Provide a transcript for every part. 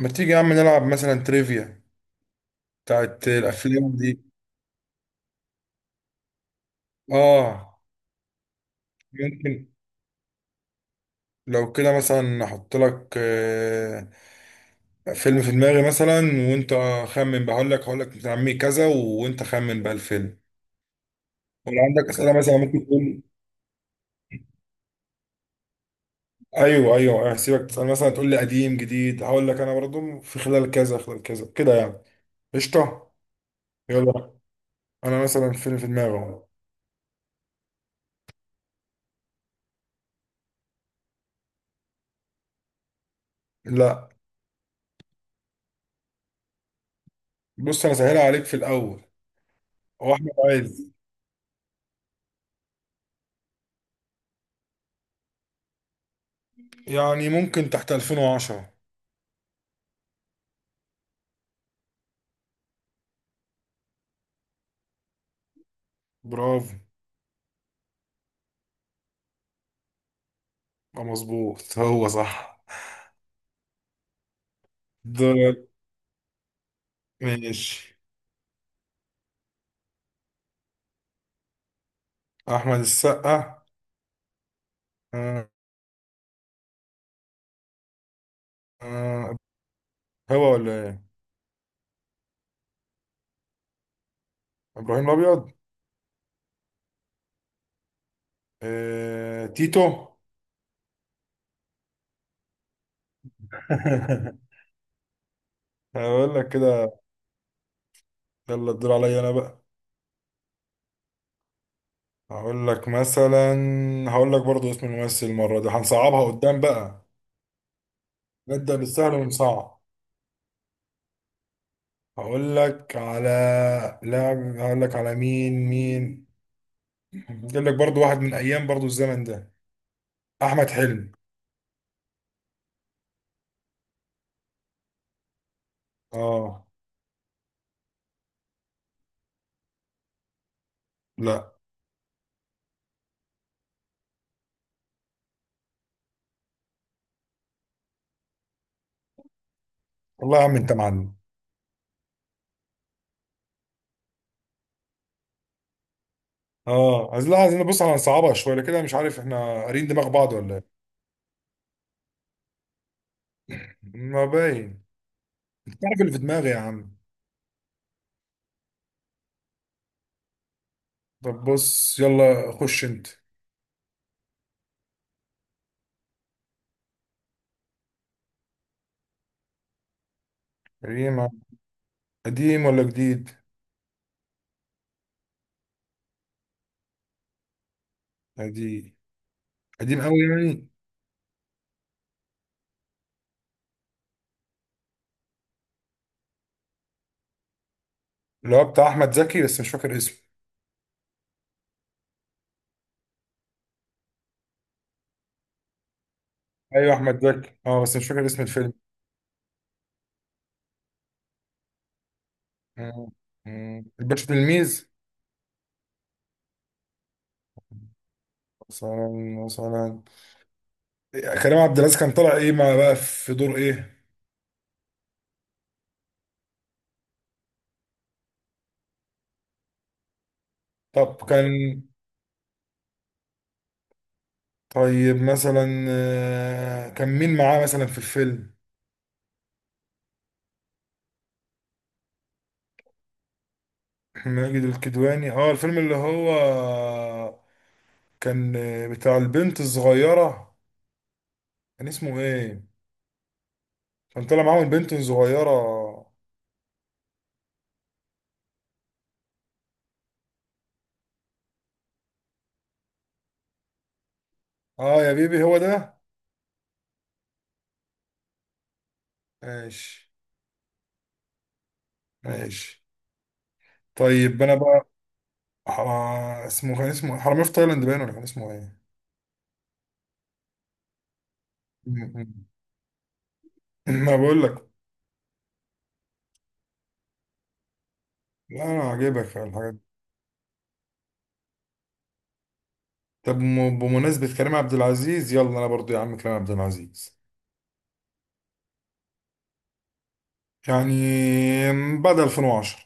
ما تيجي يا عم نلعب مثلا تريفيا بتاعت الافلام دي. اه، ممكن لو كده مثلا احط لك فيلم في دماغي مثلا، وانت خمن بقى. هقول لك بتاع عمي كذا وانت خمن بقى الفيلم، ولو عندك اسئله مثلا ممكن تقول. ايوه، هسيبك تسال مثلا تقول لي قديم جديد، هقول لك انا برضو في خلال كذا خلال كذا كده يعني. قشطه. يلا انا مثلا فيلم في دماغي اهو. لا، بص انا سهلها عليك في الاول، هو احمد عز. يعني ممكن تحت 2010. برافو. مظبوط هو صح. دورك، ماشي. احمد السقا. آه، آه، هو ولا ايه؟ ابراهيم الابيض. آه، تيتو. هقول لك كده. يلا الدور عليا انا بقى. هقول لك مثلا، هقول لك برضو اسم الممثل، المره دي هنصعبها قدام بقى. نبدا بالسهل ونصعب. هقول لك على لاعب، هقول لك على مين. اجيب لك برضو واحد من ايام برضو الزمن ده، احمد حلمي. اه. لا والله يا عم انت معلم. اه، عايز، لا عايزين نبص على صعبة شويه لكده. مش عارف احنا قارين دماغ بعض ولا ايه. ما باين. انت عارف اللي في دماغي يا عم. طب بص يلا خش انت. قديم. قديم ولا جديد؟ قديم. قديم قوي يعني. اللي هو بتاع احمد زكي بس مش فاكر اسمه. ايوه احمد زكي، اه بس مش فاكر اسم الفيلم. مم. مم. الباشا تلميذ مثلا. مثلا كريم عبد العزيز كان طالع ايه؟ ما بقى في دور ايه؟ طب كان، طيب مثلا كان مين معاه مثلا في الفيلم؟ ماجد الكدواني، اه الفيلم اللي هو كان بتاع البنت الصغيرة، كان اسمه ايه؟ كان طالع معاهم البنت الصغيرة. اه يا بيبي، هو ده. ماشي. ماشي. طيب انا بقى، اسمه، كان اسمه إيه؟ حرامية في تايلاند باين، ولا كان اسمه ايه؟ ما بقول لك. لا انا عاجبك الحاجات دي. طب بمناسبة كريم عبد العزيز، يلا انا برضو يا عم كريم عبد العزيز. يعني بعد 2010.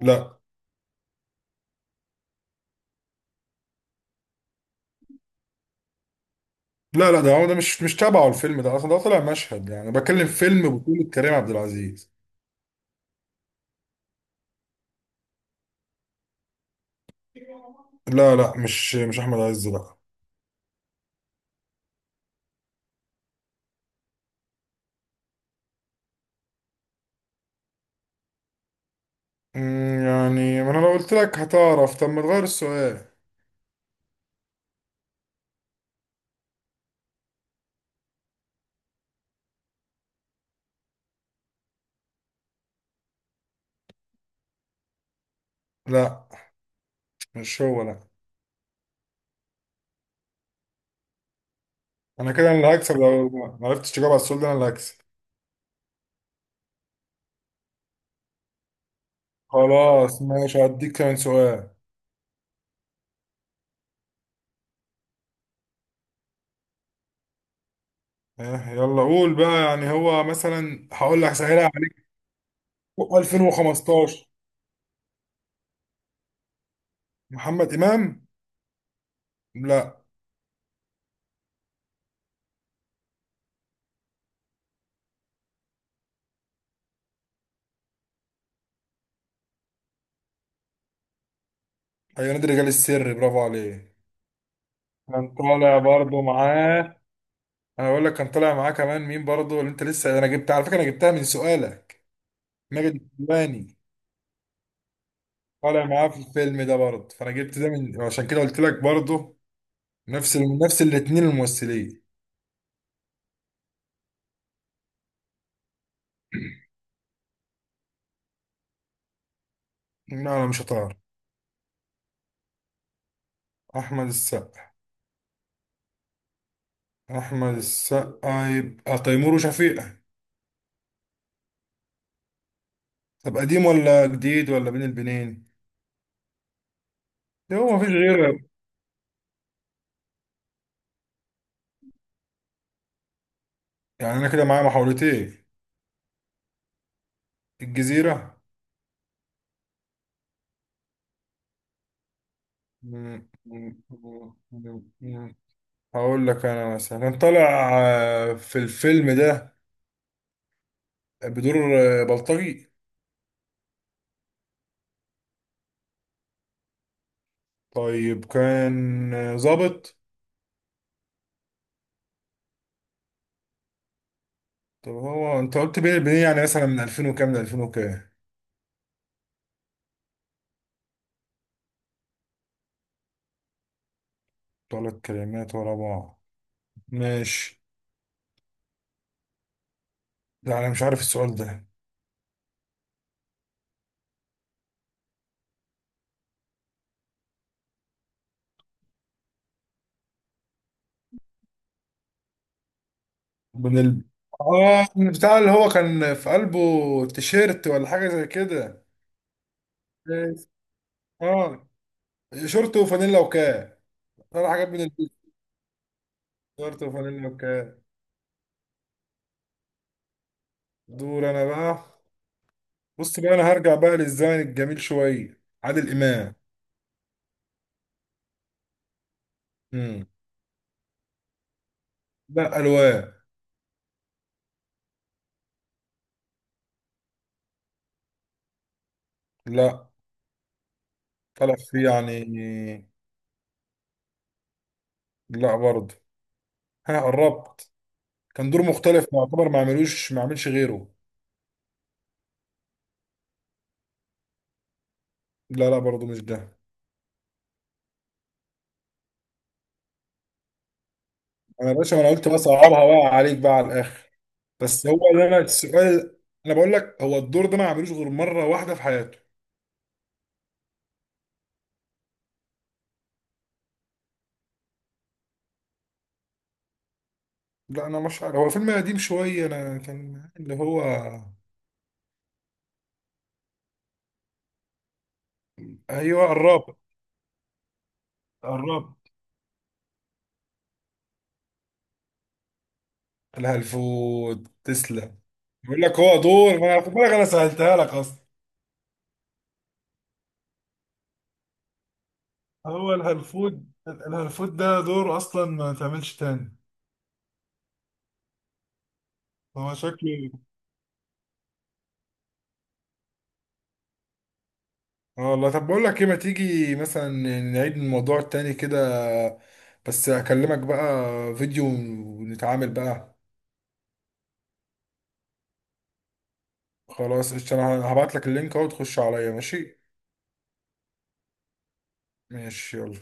لا لا لا، ده هو ده مش تبعه، الفيلم ده اصلا ده طلع مشهد، يعني بكلم فيلم بطولة كريم عبد العزيز. لا لا، مش احمد عز لا. يعني ما انا لو قلت لك هتعرف، طب ما تغير السؤال. لا مش هو لا. انا كده انا اللي هكسب، لو ما عرفتش تجاوب على السؤال ده انا اللي هكسب. خلاص ماشي هديك كمان سؤال. يلا قول بقى، يعني هو مثلا هقول لك سهلها عليك. 2015، محمد امام. لا. ايوه، نادي الرجال السري، برافو عليه. كان طالع برضو معاه. انا بقول لك كان طالع معاه كمان مين برضو، اللي انت لسه انا جبتها على فكره، انا جبتها من سؤالك. ماجد الكدواني. طالع معاه في الفيلم ده برضو، فانا جبت ده من عشان كده قلت لك برضو. نفس الاتنين الممثلين. لا انا مش هطار. احمد السقا. احمد السقا يبقى تيمور وشفيقة. طب قديم ولا جديد، ولا بين البنين؟ ده هو مفيش غيره، يعني انا كده معايا محاولتين. الجزيره. مم. هقول لك انا مثلا كان طالع في الفيلم ده بدور بلطجي. طيب كان ظابط. طب هو انت قلت بيه بيه، يعني مثلا من 2000 وكام ل 2000 وكام؟ ثلاث كلمات ورا بعض، ماشي. لا انا مش عارف السؤال ده. من ال... اه من بتاع اللي هو كان في قلبه تيشيرت ولا حاجه زي كده. اه، شورت وفانيلا وكاب، طلع حاجات من البيت. شورت وفانيلا وكاب. دور انا بقى. بص بقى انا هرجع بقى للزمن الجميل شويه، عادل امام. امم، لا الوان. لا، طلع فيه يعني. لا برضه، ها قربت. كان دور مختلف يعتبر، ما عملش غيره. لا لا برضه، مش ده. انا يا باشا، ما انا قلت بس اصعبها بقى عليك بقى على الاخر. بس هو اللي انا السؤال، انا بقول لك هو الدور ده ما عملوش غير مره واحده في حياته. لا انا مش عارف، هو فيلم قديم شويه انا كان اللي هو. ايوه قربت. قربت. لها الفود، تسلم. بيقول لك هو دور، ما انا خد بالك انا سهلتها لك اصلا. هو الهلفود، الهلفود ده دوره اصلا ما تعملش تاني. هو شكله، اه والله. طب بقول لك ايه، ما تيجي مثلا نعيد الموضوع التاني كده، بس اكلمك بقى فيديو ونتعامل بقى. خلاص قشطة، انا هبعت لك اللينك اهو تخش عليا، ماشي؟ ماشي يلا.